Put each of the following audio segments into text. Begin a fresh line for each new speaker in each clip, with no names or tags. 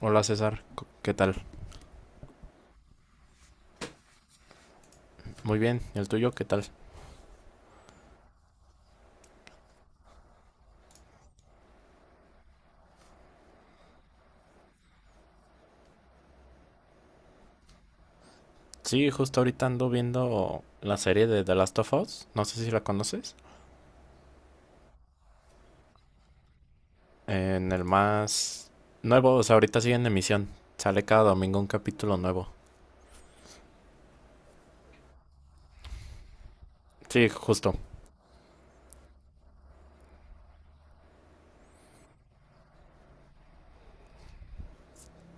Hola César, ¿qué tal? Muy bien, ¿y el tuyo qué tal? Sí, justo ahorita ando viendo la serie de The Last of Us, no sé si la conoces, en el más nuevo, o sea, ahorita sigue en emisión, sale cada domingo un capítulo nuevo. Sí, justo,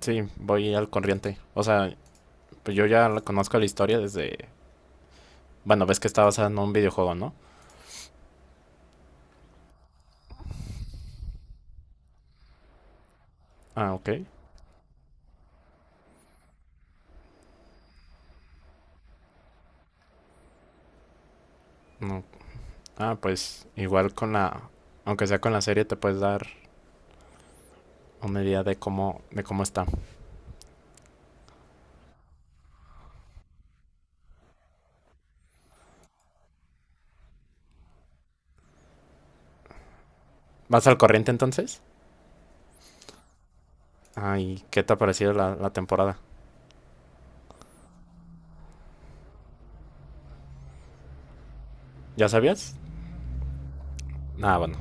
sí, voy al corriente, o sea, pues yo conozco la historia desde, bueno, ves que está basada en un videojuego, ¿no? Ah, ok, no. Ah, pues igual con la, aunque sea con la serie te puedes dar una idea de cómo está. ¿Vas al corriente entonces? Ay, ¿qué te ha parecido la temporada? ¿Ya sabías? Ah, bueno,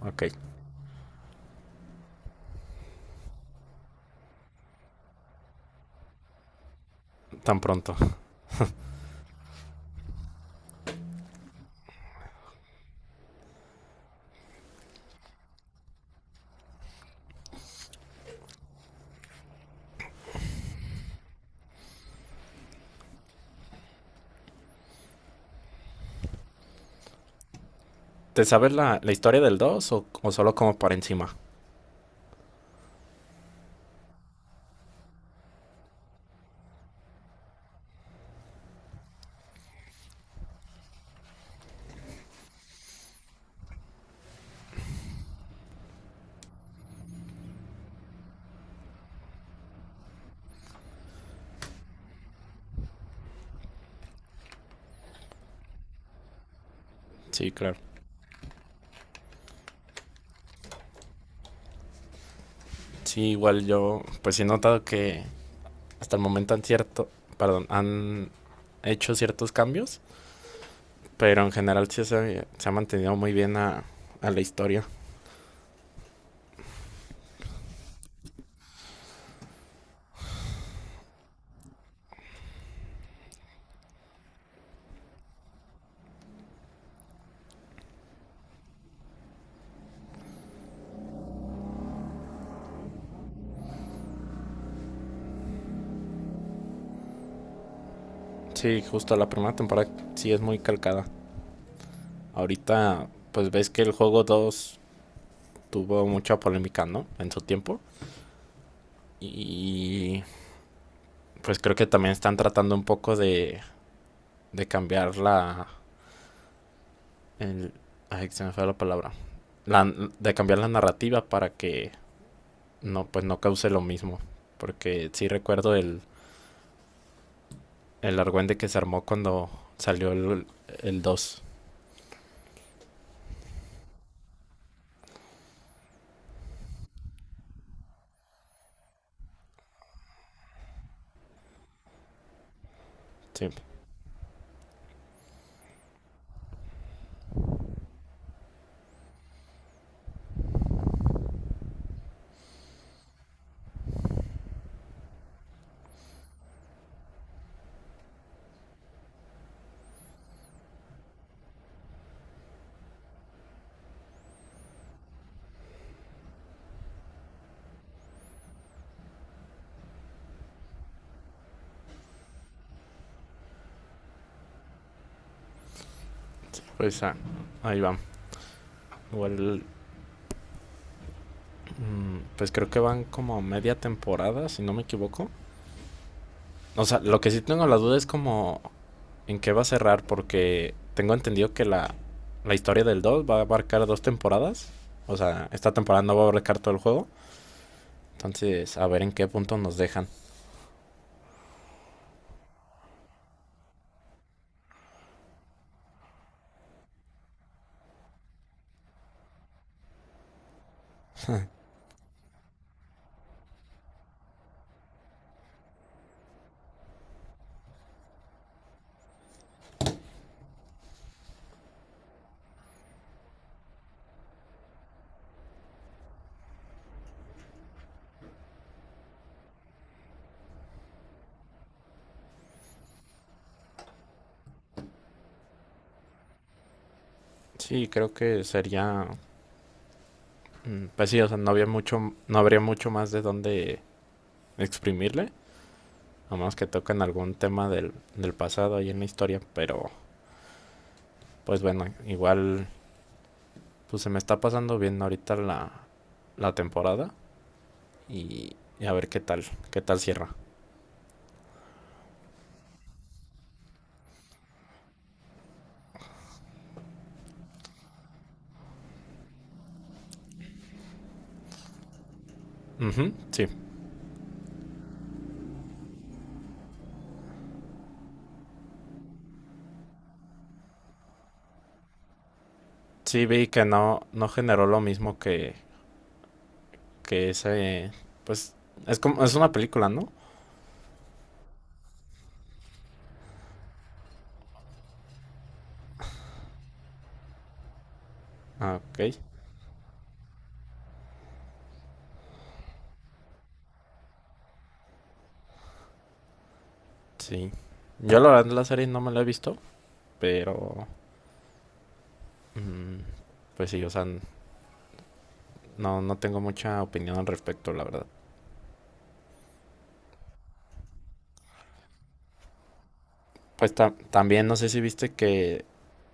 ok, tan pronto. ¿Te sabes la historia del 2 o solo como por encima? Sí, claro. Sí, igual yo pues he notado que hasta el momento han hecho ciertos cambios, pero en general sí se ha mantenido muy bien a la historia. Sí, justo la primera temporada sí es muy calcada. Ahorita pues ves que el juego 2 tuvo mucha polémica, ¿no? En su tiempo. Y pues creo que también están tratando un poco de cambiar el- ay, se me fue la palabra. La- de cambiar la narrativa para que no, pues no cause lo mismo. Porque sí recuerdo el argüende que se armó cuando salió el dos. Sí. Pues ah, ahí va. Igual, pues creo que van como media temporada, si no me equivoco. O sea, lo que sí tengo la duda es como en qué va a cerrar, porque tengo entendido que la historia del 2 va a abarcar dos temporadas. O sea, esta temporada no va a abarcar todo el juego. Entonces, a ver en qué punto nos dejan. Sí, creo que sería... Pues sí, o sea, no habría mucho más de dónde exprimirle. A menos que toquen algún tema del, del pasado ahí en la historia. Pero, pues bueno, igual, pues se me está pasando bien ahorita la, la temporada. Y, y a ver qué tal cierra. Ujú, sí, sí vi que no, no generó lo mismo que ese, pues es como, es una película, ¿no? Ah, ok, sí. Yo la verdad la serie no me la he visto, pero mm, pues sí, o sea, no, no tengo mucha opinión al respecto, la verdad. Pues también no sé si viste que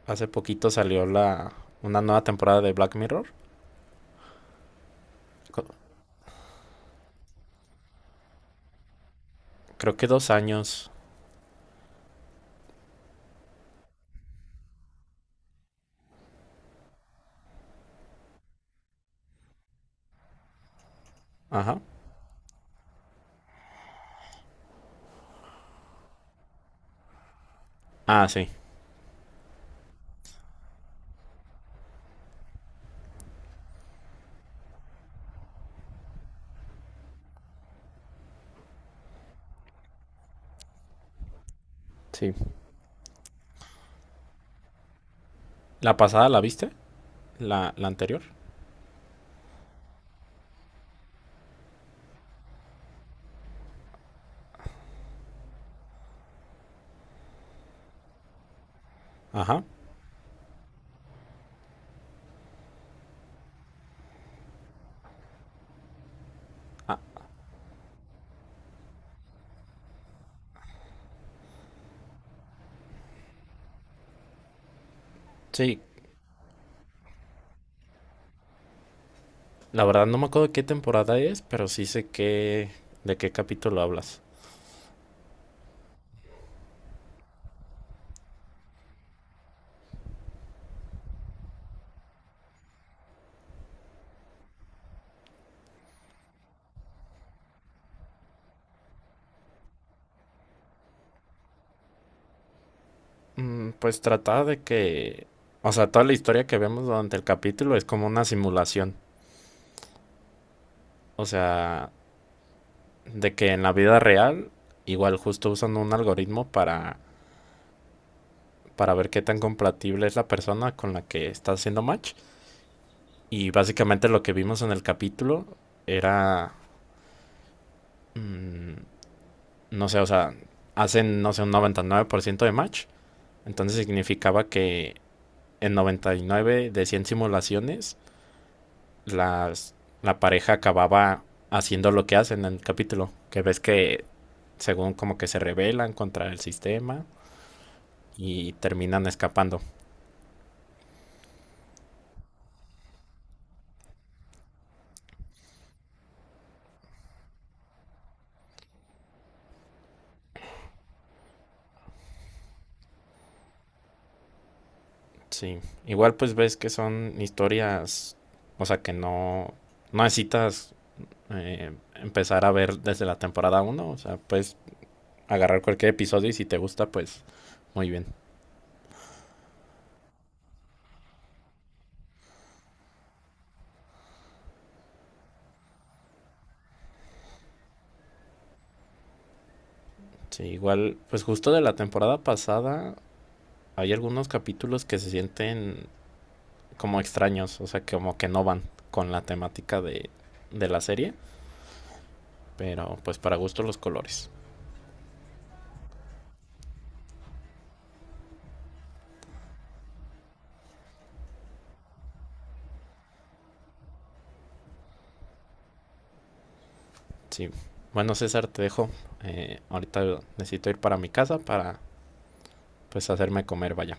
hace poquito salió la una nueva temporada de Black Mirror. Co- Creo que dos años. Ajá. Ah, sí. Sí. ¿La pasada la viste? ¿La anterior? Ajá. Ah, sí. La verdad no me acuerdo de qué temporada es, pero sí sé de qué capítulo hablas. Mm, pues trataba de que... O sea, toda la historia que vemos durante el capítulo es como una simulación. O sea, de que en la vida real, igual justo usan un algoritmo para ver qué tan compatible es la persona con la que está haciendo match. Y básicamente lo que vimos en el capítulo era... mm, no sé, o sea, hacen, no sé, un 99% de match. Entonces significaba que en 99 de 100 simulaciones, las, la pareja acababa haciendo lo que hacen en el capítulo. Que ves que, según como que se rebelan contra el sistema y terminan escapando. Sí, igual pues ves que son historias, o sea, que no, no necesitas empezar a ver desde la temporada uno. O sea, pues agarrar cualquier episodio y si te gusta, pues muy bien. Sí, igual, pues justo de la temporada pasada hay algunos capítulos que se sienten como extraños, o sea, como que no van con la temática de la serie, pero pues para gusto los colores. Sí, bueno César, te dejo. Ahorita necesito ir para mi casa para pues hacerme comer, vaya.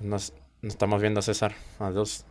Nos, nos estamos viendo César. Adiós.